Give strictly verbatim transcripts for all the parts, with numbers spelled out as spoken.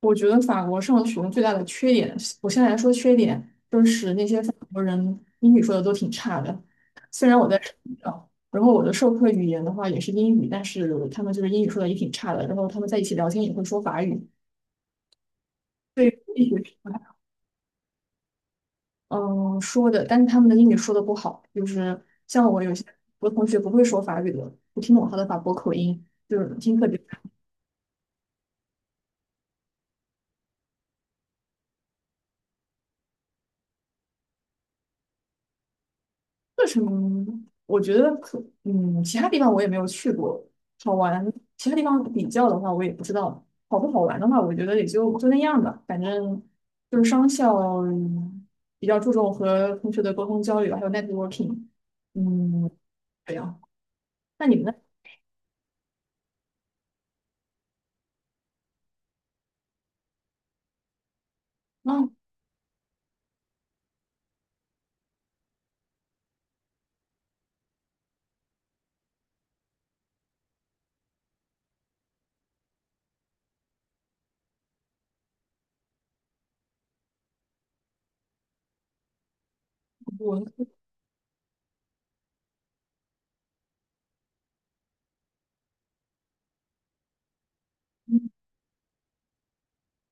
我觉得法国上学最大的缺点，我先来说缺点，就是那些法国人英语说的都挺差的。虽然我在啊，然后我的授课语言的话也是英语，但是他们就是英语说的也挺差的。然后他们在一起聊天也会说法语。对，一学期嗯说的，但是他们的英语说的不好，就是像我有些我同学不会说法语的，我听不懂他的法国口音，就是听特别。课程我觉得可，嗯，其他地方我也没有去过，好玩。其他地方比较的话，我也不知道好不好玩的话，我觉得也就就那样吧。反正就是商校，嗯比较注重和同学的沟通交流，还有 networking。嗯，这样。那你们呢？啊，我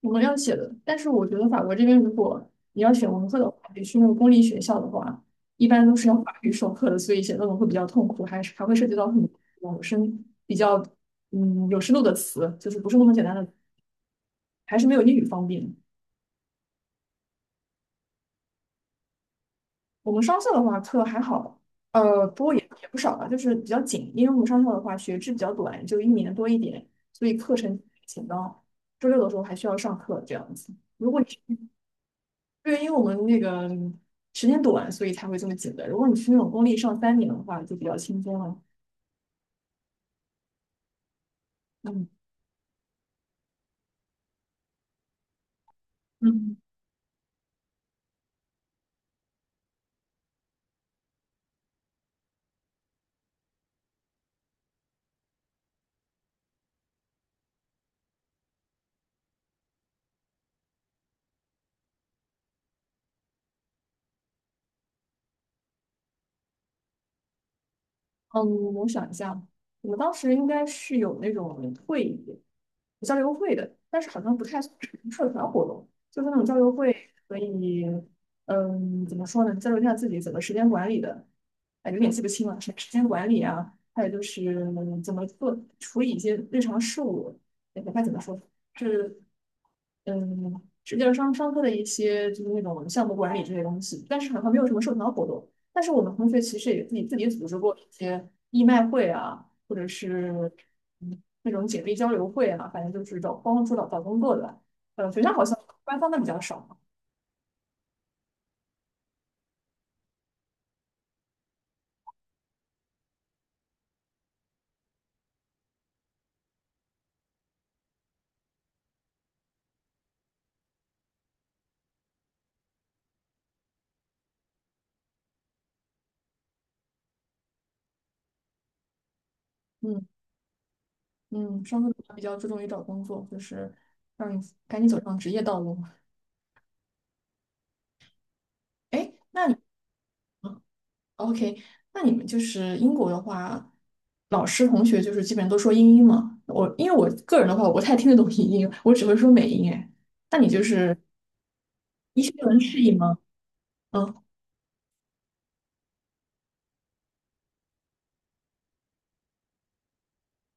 我们要写的，但是我觉得法国这边，如果你要选文科的话，也去那种公立学校的话，一般都是要法语授课的，所以写论文会比较痛苦，还是还会涉及到很多有深比较嗯有深度的词，就是不是那么简单的，还是没有英语方便。我们商校的话课还好。呃，不过也也不少吧，就是比较紧，因为我们商校的话学制比较短，就一年多一点，所以课程紧到周六的时候还需要上课这样子。如果你对，因为我们那个时间短，所以才会这么紧的。如果你是那种公立上三年的话，就比较轻松了。嗯嗯嗯，我想一下，我们当时应该是有那种会议，交流会的，但是好像不太算是社团活动，就是那种交流会。所以，嗯，怎么说呢，交流一下自己怎么时间管理的。哎，有点记不清了，什么时间管理啊，还有就是怎么做处理一些日常事务。哎，不太怎么说，是嗯，就际是上上课的一些就是那种项目管理这些东西，但是好像没有什么社团活动。但是我们同学其实也自己自己组织过一些义卖会啊，或者是嗯那种简历交流会啊，反正就是找帮助找找工作的。呃，学校好像官方的比较少。嗯嗯，上课比较注重于找工作，就是让你赶紧走上职业道路。哎，OK,那你们就是英国的话。老师同学就是基本上都说英音嘛。我因为我个人的话，我不太听得懂 英音，我只会说美音。哎，那你就是医学能适应吗？嗯，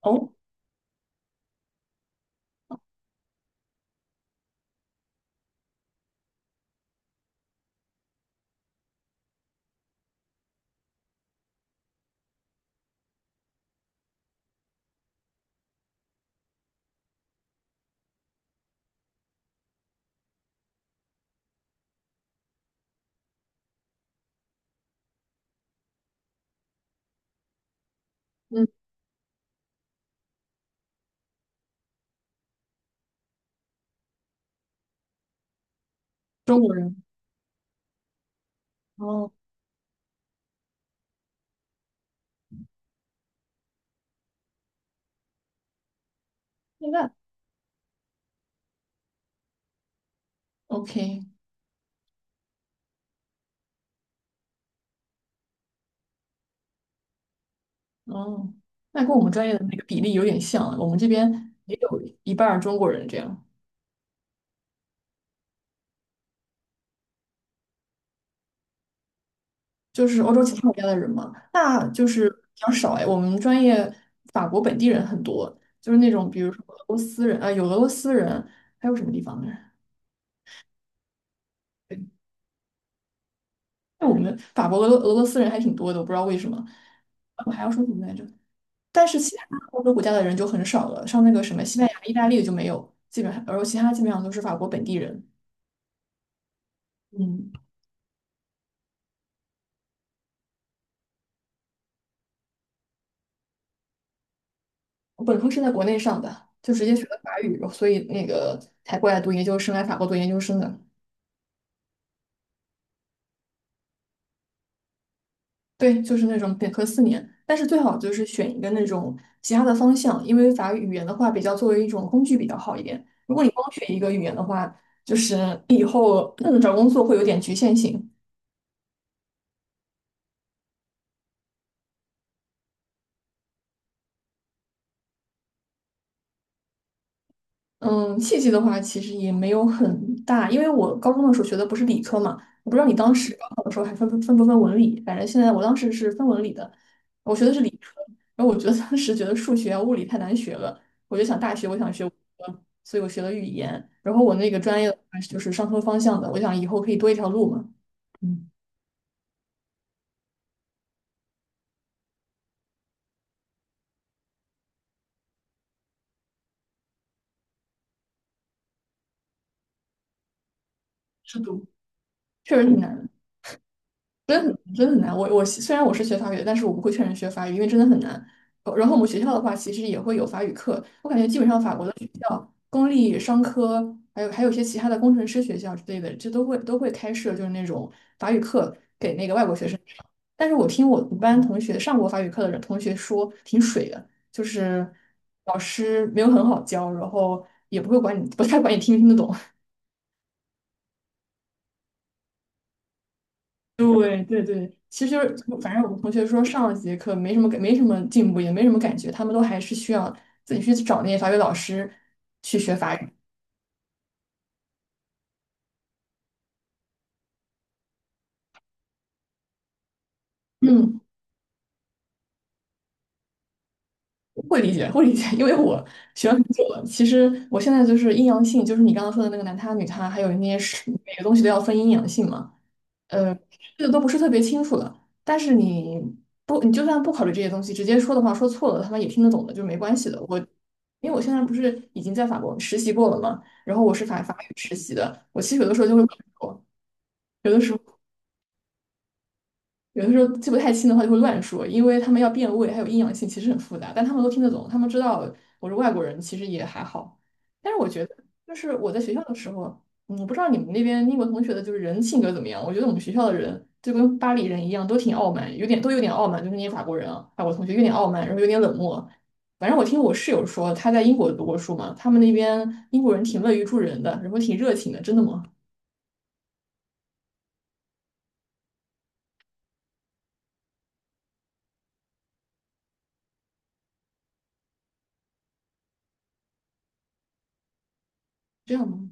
哦，嗯，中国人。哦，现在 OK。哦，那跟我们专业的那个比例有点像。我们这边也有一半儿中国人这样，就是欧洲其他国家的人嘛，那就是比较少哎。我们专业法国本地人很多，就是那种比如说俄罗斯人啊、有俄罗斯人，还有什么地方的人？我们法国、俄罗俄罗斯人还挺多的，我不知道为什么。我还要说什么来着？但是其他欧洲国家的人就很少了，像那个什么西班牙、意大利就没有，基本上，而其他基本上都是法国本地人。嗯，我本科是在国内上的，就直接学的法语，所以那个才过来读研究生，来法国读研究生的。对，就是那种本科四年，但是最好就是选一个那种其他的方向，因为法语语言的话，比较作为一种工具比较好一点。如果你光学一个语言的话，就是你以后，嗯找工作会有点局限性。嗯，契机的话其实也没有很大，因为我高中的时候学的不是理科嘛，我不知道你当时高考的时候还分不分不分文理，反正现在我当时是分文理的，我学的是理科，然后我觉得当时觉得数学啊、物理太难学了，我就想大学我想学文科，所以我学了语言，然后我那个专业的话就是商科方向的，我想以后可以多一条路嘛。嗯，是读，确实挺难的。真的很真的很难。我我虽然我是学法语的，但是我不会劝人学法语，因为真的很难。呃然后我们学校的话，其实也会有法语课。我感觉基本上法国的学校，公立商科，还有还有一些其他的工程师学校之类的，这都会都会开设就是那种法语课给那个外国学生上。但是我听我们班同学上过法语课的人同学说，挺水的，就是老师没有很好教，然后也不会管你，不太管你听不听得懂。对对对，其实就是反正我们同学说上了几节课没什么感，没什么进步，也没什么感觉，他们都还是需要自己去找那些法语老师去学法语。嗯，会理解，会理解，因为我学了很久了。其实我现在就是阴阳性，就是你刚刚说的那个男他女他，还有那些是每个东西都要分阴阳性嘛。呃，这个都不是特别清楚的。但是你不，你就算不考虑这些东西，直接说的话，说错了，他们也听得懂的，就没关系的。我因为我现在不是已经在法国实习过了嘛，然后我是法法语实习的，我其实有的时候就会。有的时候。有的时候记不太清的话就会乱说，因为他们要变位，还有阴阳性，其实很复杂，但他们都听得懂，他们知道我是外国人，其实也还好。但是我觉得，就是我在学校的时候，嗯我不知道你们那边英国同学的就是人性格怎么样。我觉得我们学校的人就跟巴黎人一样，都挺傲慢，有点都有点傲慢，就是那些法国人啊，法国同学有点傲慢，然后有点冷漠。反正我听我室友说，他在英国读过书嘛，他们那边英国人挺乐于助人的，然后挺热情的，真的吗？这样吗？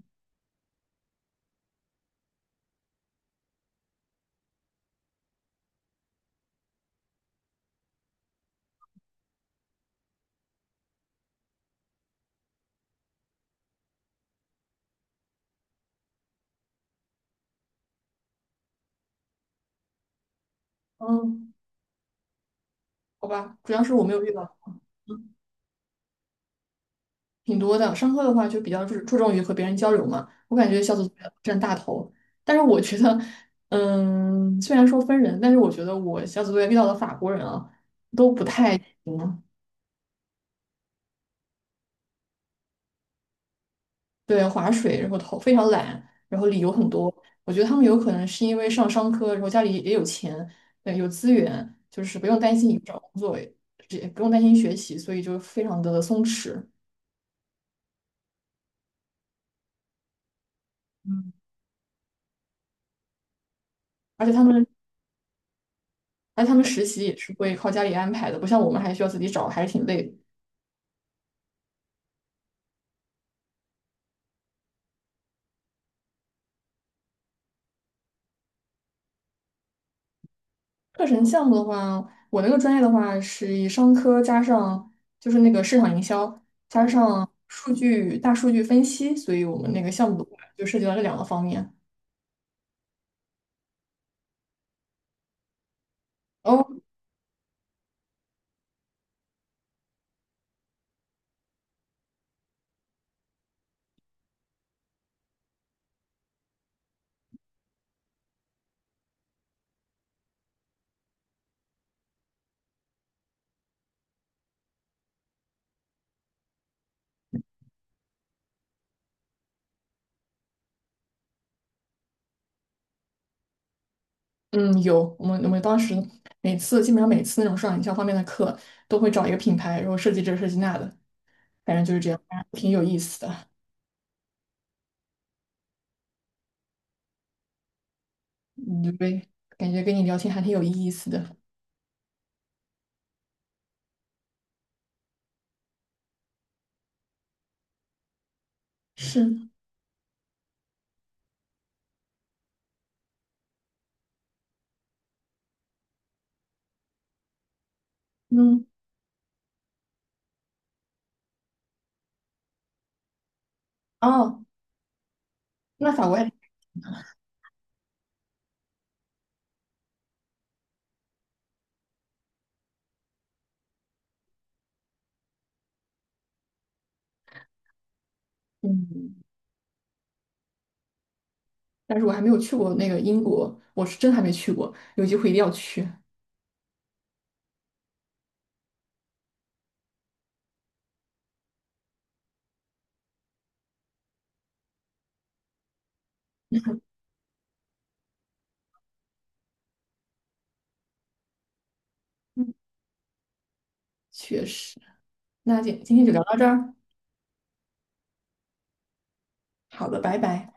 嗯，好吧，主要是我没有遇到。嗯挺多的。上课的话就比较注注重于和别人交流嘛，我感觉小组作业占大头。但是我觉得，嗯，虽然说分人，但是我觉得我小组作业遇到的法国人啊，嗯，对，划水，然后头非常懒，然后理由很多。我觉得他们有可能是因为上商科，然后家里也有钱，对，有资源，就是不用担心以后找工作，也不用担心学习，所以就非常的松弛。嗯，而且他们，而且他们实习也是会靠家里安排的，不像我们还需要自己找，还是挺累的。课程项目的话，我那个专业的话是以商科加上就是那个市场营销加上数据大数据分析，所以我们那个项目的话就涉及到这两个方面。哦，嗯，有我们我们当时每次基本上每次那种市场营销方面的课都会找一个品牌，然后设计这设计那的，反正就是这样，挺有意思的。嗯，对，感觉跟你聊天还挺有意思的。是，嗯，哦，那法国还嗯。但是我还没有去过那个英国，我是真还没去过，有机会一定要去。嗯确实，那今今天就聊到这儿，好的，拜拜。